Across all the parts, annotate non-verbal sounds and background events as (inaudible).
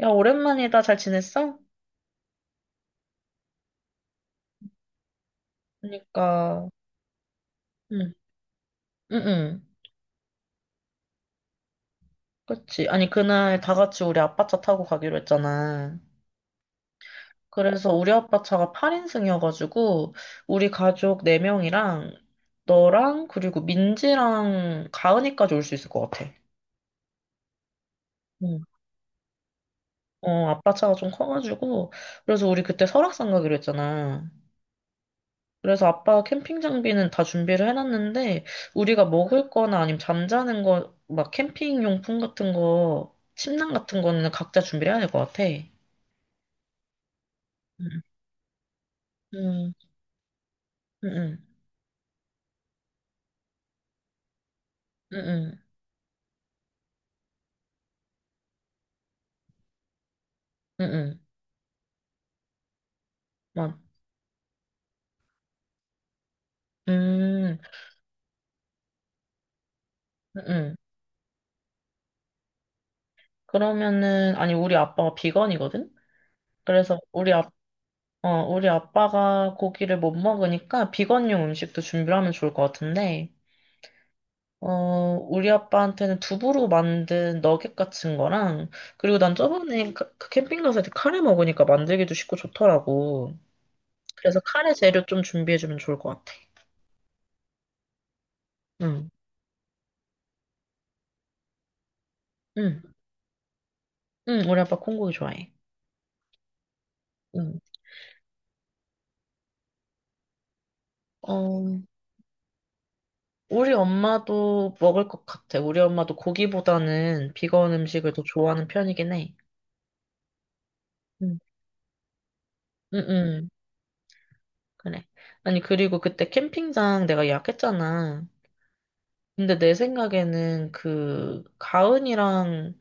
야, 오랜만이다. 잘 지냈어? 그러니까, 응, 응, 응. 그치. 아니, 그날 다 같이 우리 아빠 차 타고 가기로 했잖아. 그래서 우리 아빠 차가 8인승이어가지고, 우리 가족 4명이랑, 너랑, 그리고 민지랑 가은이까지 올 수 있을 것 같아. 응. 어, 아빠 차가 좀 커가지고, 그래서 우리 그때 설악산 가기로 했잖아. 그래서 아빠가 캠핑 장비는 다 준비를 해놨는데, 우리가 먹을 거나 아니면 잠자는 거, 막 캠핑 용품 같은 거, 침낭 같은 거는 각자 준비를 해야 될 것 같아. 음, 음, 음, 음, 음, 음, 음, 맞. 음, 음, 음. 음, 음. 그러면은, 아니, 우리 아빠가 비건이거든? 그래서 우리 아, 어, 우리 아빠가 고기를 못 먹으니까 비건용 음식도 준비를 하면 좋을 것 같은데, 어, 우리 아빠한테는 두부로 만든 너겟 같은 거랑, 그리고 난 저번에 그 캠핑 가서 이렇게 카레 먹으니까 만들기도 쉽고 좋더라고. 그래서 카레 재료 좀 준비해주면 좋을 것 같아. 응, 응, 응, 우리 아빠 콩고기 좋아해. 응. 어, 우리 엄마도 먹을 것 같아. 우리 엄마도 고기보다는 비건 음식을 더 좋아하는 편이긴 해. 응, 응, 응, 그래. 아니, 그리고 그때 캠핑장 내가 예약했잖아. 근데 내 생각에는 그 가은이랑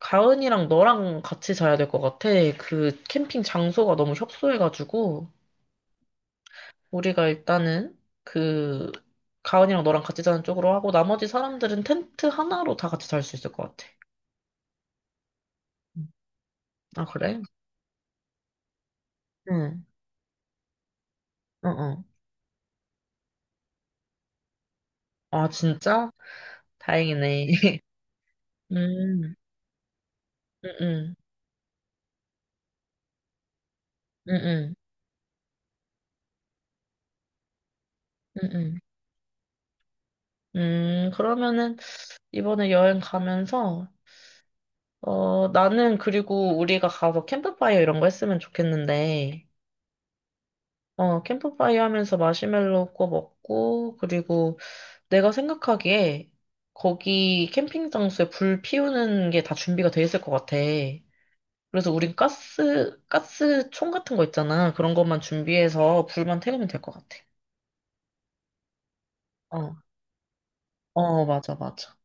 가은이랑 너랑 같이 자야 될 것 같아. 그 캠핑 장소가 너무 협소해가지고 우리가 일단은 그 가은이랑 너랑 같이 자는 쪽으로 하고 나머지 사람들은 텐트 하나로 다 같이 잘 수 있을 것 같아. 아 그래? 응. 어 어. 아 진짜? 다행이네. (laughs) 음. 응응. 응응. 응응. 그러면은 이번에 여행 가면서 어, 나는 그리고 우리가 가서 캠프파이어 이런 거 했으면 좋겠는데, 어, 캠프파이어 하면서 마시멜로 구워 먹고, 그리고 내가 생각하기에 거기 캠핑 장소에 불 피우는 게 다 준비가 돼 있을 것 같아. 그래서 우린 가스 총 같은 거 있잖아. 그런 것만 준비해서 불만 태우면 될 것 같아. 어, 어, 맞아, 맞아.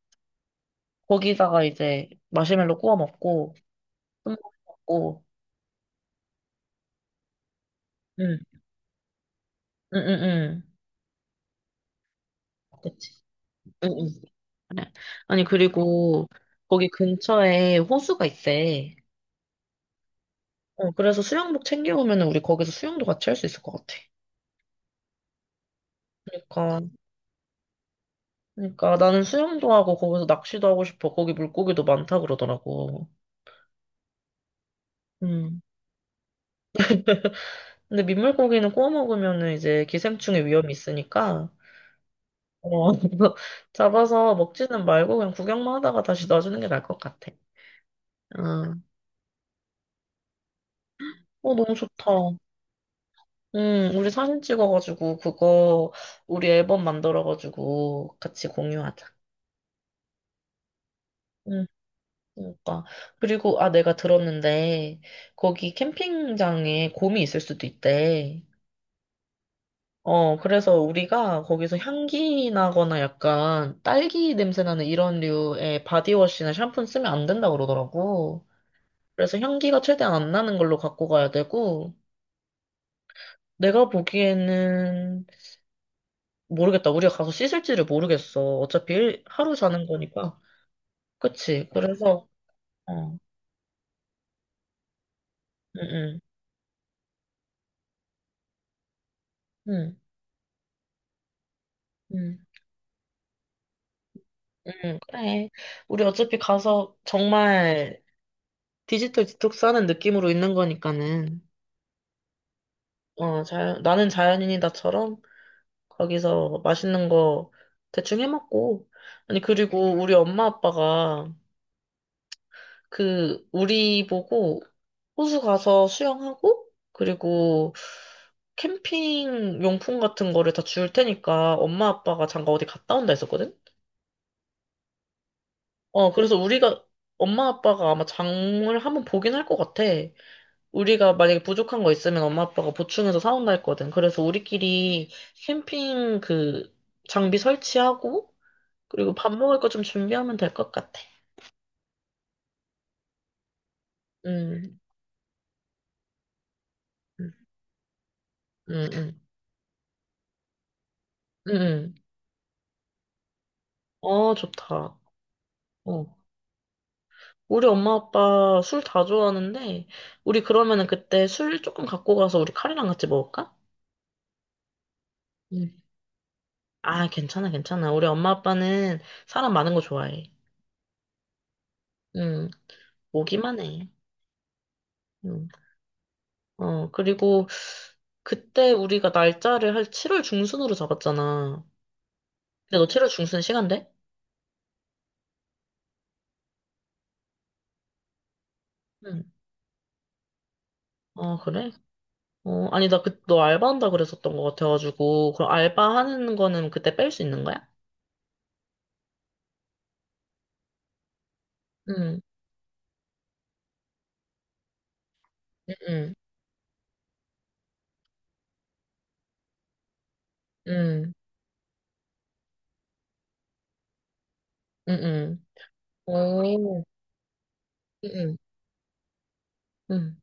거기다가 이제 마시멜로 구워 먹고, 술 먹고, 응, 응, 응, 응. 그치. 응, 응. 그래. 아니, 그리고 거기 근처에 호수가 있대. 어, 그래서 수영복 챙겨오면 우리 거기서 수영도 같이 할 수 있을 것 같아. 그러니까, 그러니까 나는 수영도 하고 거기서 낚시도 하고 싶어. 거기 물고기도 많다 그러더라고. 음. (laughs) 근데 민물고기는 구워 먹으면 이제 기생충의 위험이 있으니까, 어, (laughs) 잡아서 먹지는 말고 그냥 구경만 하다가 다시 놔주는 게 나을 것 같아. 어, 어, 너무 좋다. 응 우리 사진 찍어가지고, 그거, 우리 앨범 만들어가지고, 같이 공유하자. 응, 그러니까. 그리고, 아, 내가 들었는데, 거기 캠핑장에 곰이 있을 수도 있대. 어, 그래서 우리가 거기서 향기 나거나 약간 딸기 냄새 나는 이런 류의 바디워시나 샴푸는 쓰면 안 된다 그러더라고. 그래서 향기가 최대한 안 나는 걸로 갖고 가야 되고, 내가 보기에는 모르겠다. 우리가 가서 씻을지를 모르겠어. 어차피 하루 자는 거니까. 그치. 그래서, 어, 응, 응, 응, 응, 응, 그래. 우리 어차피 가서 정말 디지털 디톡스 하는 느낌으로 있는 거니까는, 어, 자연, 나는 자연인이다처럼 거기서 맛있는 거 대충 해 먹고. 아니, 그리고 우리 엄마 아빠가 그, 우리 보고 호수 가서 수영하고, 그리고 캠핑 용품 같은 거를 다 줄 테니까 엄마 아빠가 잠깐 어디 갔다 온다 했었거든? 어, 그래서 우리가, 엄마 아빠가 아마 장을 한번 보긴 할 것 같아. 우리가 만약에 부족한 거 있으면 엄마 아빠가 보충해서 사온다 했거든. 그래서 우리끼리 캠핑 그 장비 설치하고, 그리고 밥 먹을 거 좀 준비하면 될 것 같아. 음, 음, 음, 음. 음. 음. 어, 좋다. 어. 우리 엄마 아빠 술 다 좋아하는데, 우리 그러면은 그때 술 조금 갖고 가서 우리 카레랑 같이 먹을까? 응. 아, 괜찮아, 괜찮아. 우리 엄마 아빠는 사람 많은 거 좋아해. 응, 오기만 해. 응, 어, 그리고 그때 우리가 날짜를 한 7월 중순으로 잡았잖아. 근데 너 7월 중순 시간 돼? 응. 어, 그래? 어, 아니, 나 그, 너 알바한다 그랬었던 것 같아가지고, 그럼 알바하는 거는 그때 뺄 수 있는 거야? 응, 응, 응, 응, 응. 응. 오. 응, 응,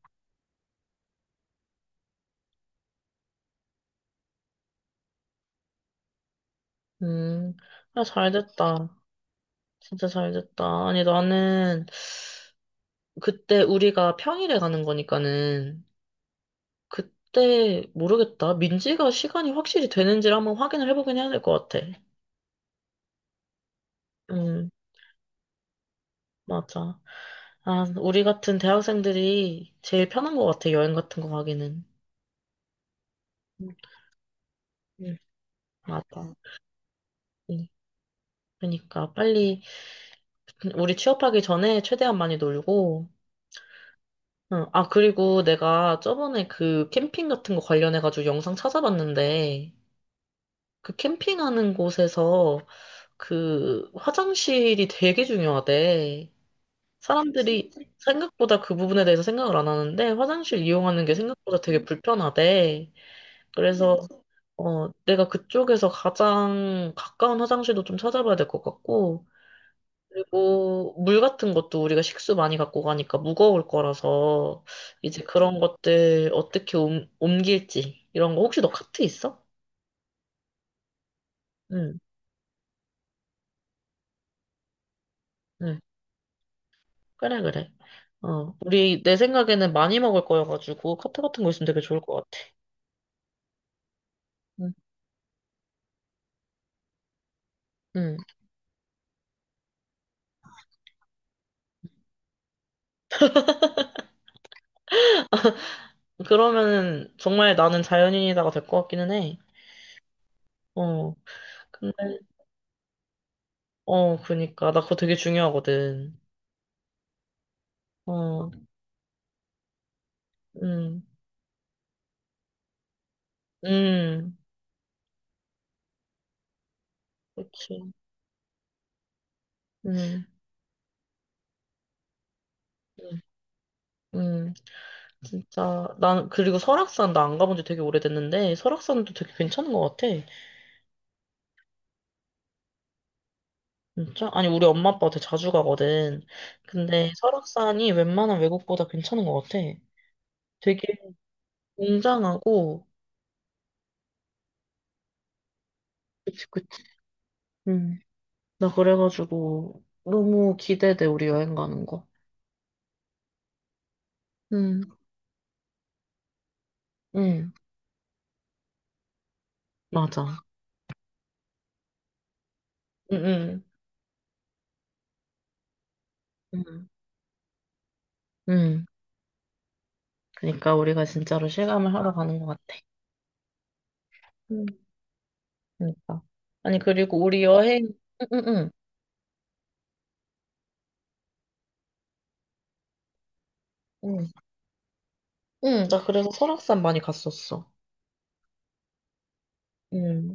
응. 아, 잘 됐다. 진짜 잘 됐다. 아니, 나는 그때 우리가 평일에 가는 거니까는 그때 모르겠다. 민지가 시간이 확실히 되는지를 한번 확인을 해보긴 해야 될 것 같아. 응, 맞아. 아, 우리 같은 대학생들이 제일 편한 것 같아. 여행 같은 거 가기는. 응, 응, 맞아. 응. 그러니까 빨리 우리 취업하기 전에 최대한 많이 놀고 응. 아, 그리고 내가 저번에 그 캠핑 같은 거 관련해가지고 영상 찾아봤는데, 그 캠핑하는 곳에서 그 화장실이 되게 중요하대. 사람들이 생각보다 그 부분에 대해서 생각을 안 하는데, 화장실 이용하는 게 생각보다 되게 불편하대. 그래서, 어, 내가 그쪽에서 가장 가까운 화장실도 좀 찾아봐야 될 것 같고, 그리고 물 같은 것도 우리가 식수 많이 갖고 가니까 무거울 거라서 이제 그런 것들 어떻게 옮길지 이런 거 혹시 너 카트 있어? 응, 응. 그래, 그래. 어, 우리 내 생각에는 많이 먹을 거여가지고 카트 같은 거 있으면 되게 좋을 것 같아. 응, 응. 그러면은 정말 나는 자연인이다가 될 것 같기는 해. 어, 근데 어, 그니까 나 그거 되게 중요하거든. 어, 음, 음, 그렇지. 음, 음. 음. 진짜 난 그리고 설악산 나 안 가본 지 되게 오래됐는데 설악산도 되게 괜찮은 것 같아. 진짜? 아니 우리 엄마 아빠 되게 자주 가거든. 근데 설악산이 웬만한 외국보다 괜찮은 것 같아. 되게 웅장하고 그치 그치. 음. 나 그래가지고 너무 기대돼 우리 여행 가는 거. 응 응 맞아. 응응 응 응. 그러니까 우리가 진짜로 실감을 하러 가는 것 같아. 응. 그러니까. 아니 그리고 우리 여행 응응응 응, 나 그래서 설악산 많이 갔었어. 음,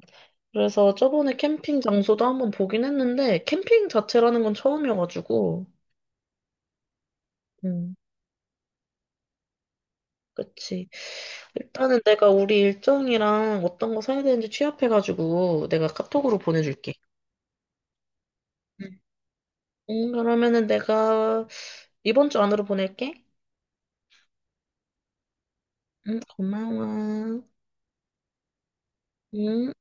그래서 저번에 캠핑 장소도 한번 보긴 했는데, 캠핑 자체라는 건 처음이어가지고, 음, 그치. 일단은 내가 우리 일정이랑 어떤 거 사야 되는지 취합해가지고, 내가 카톡으로 보내줄게. 응, 응, 그러면은 내가 이번 주 안으로 보낼게. 응, 고마워. 응.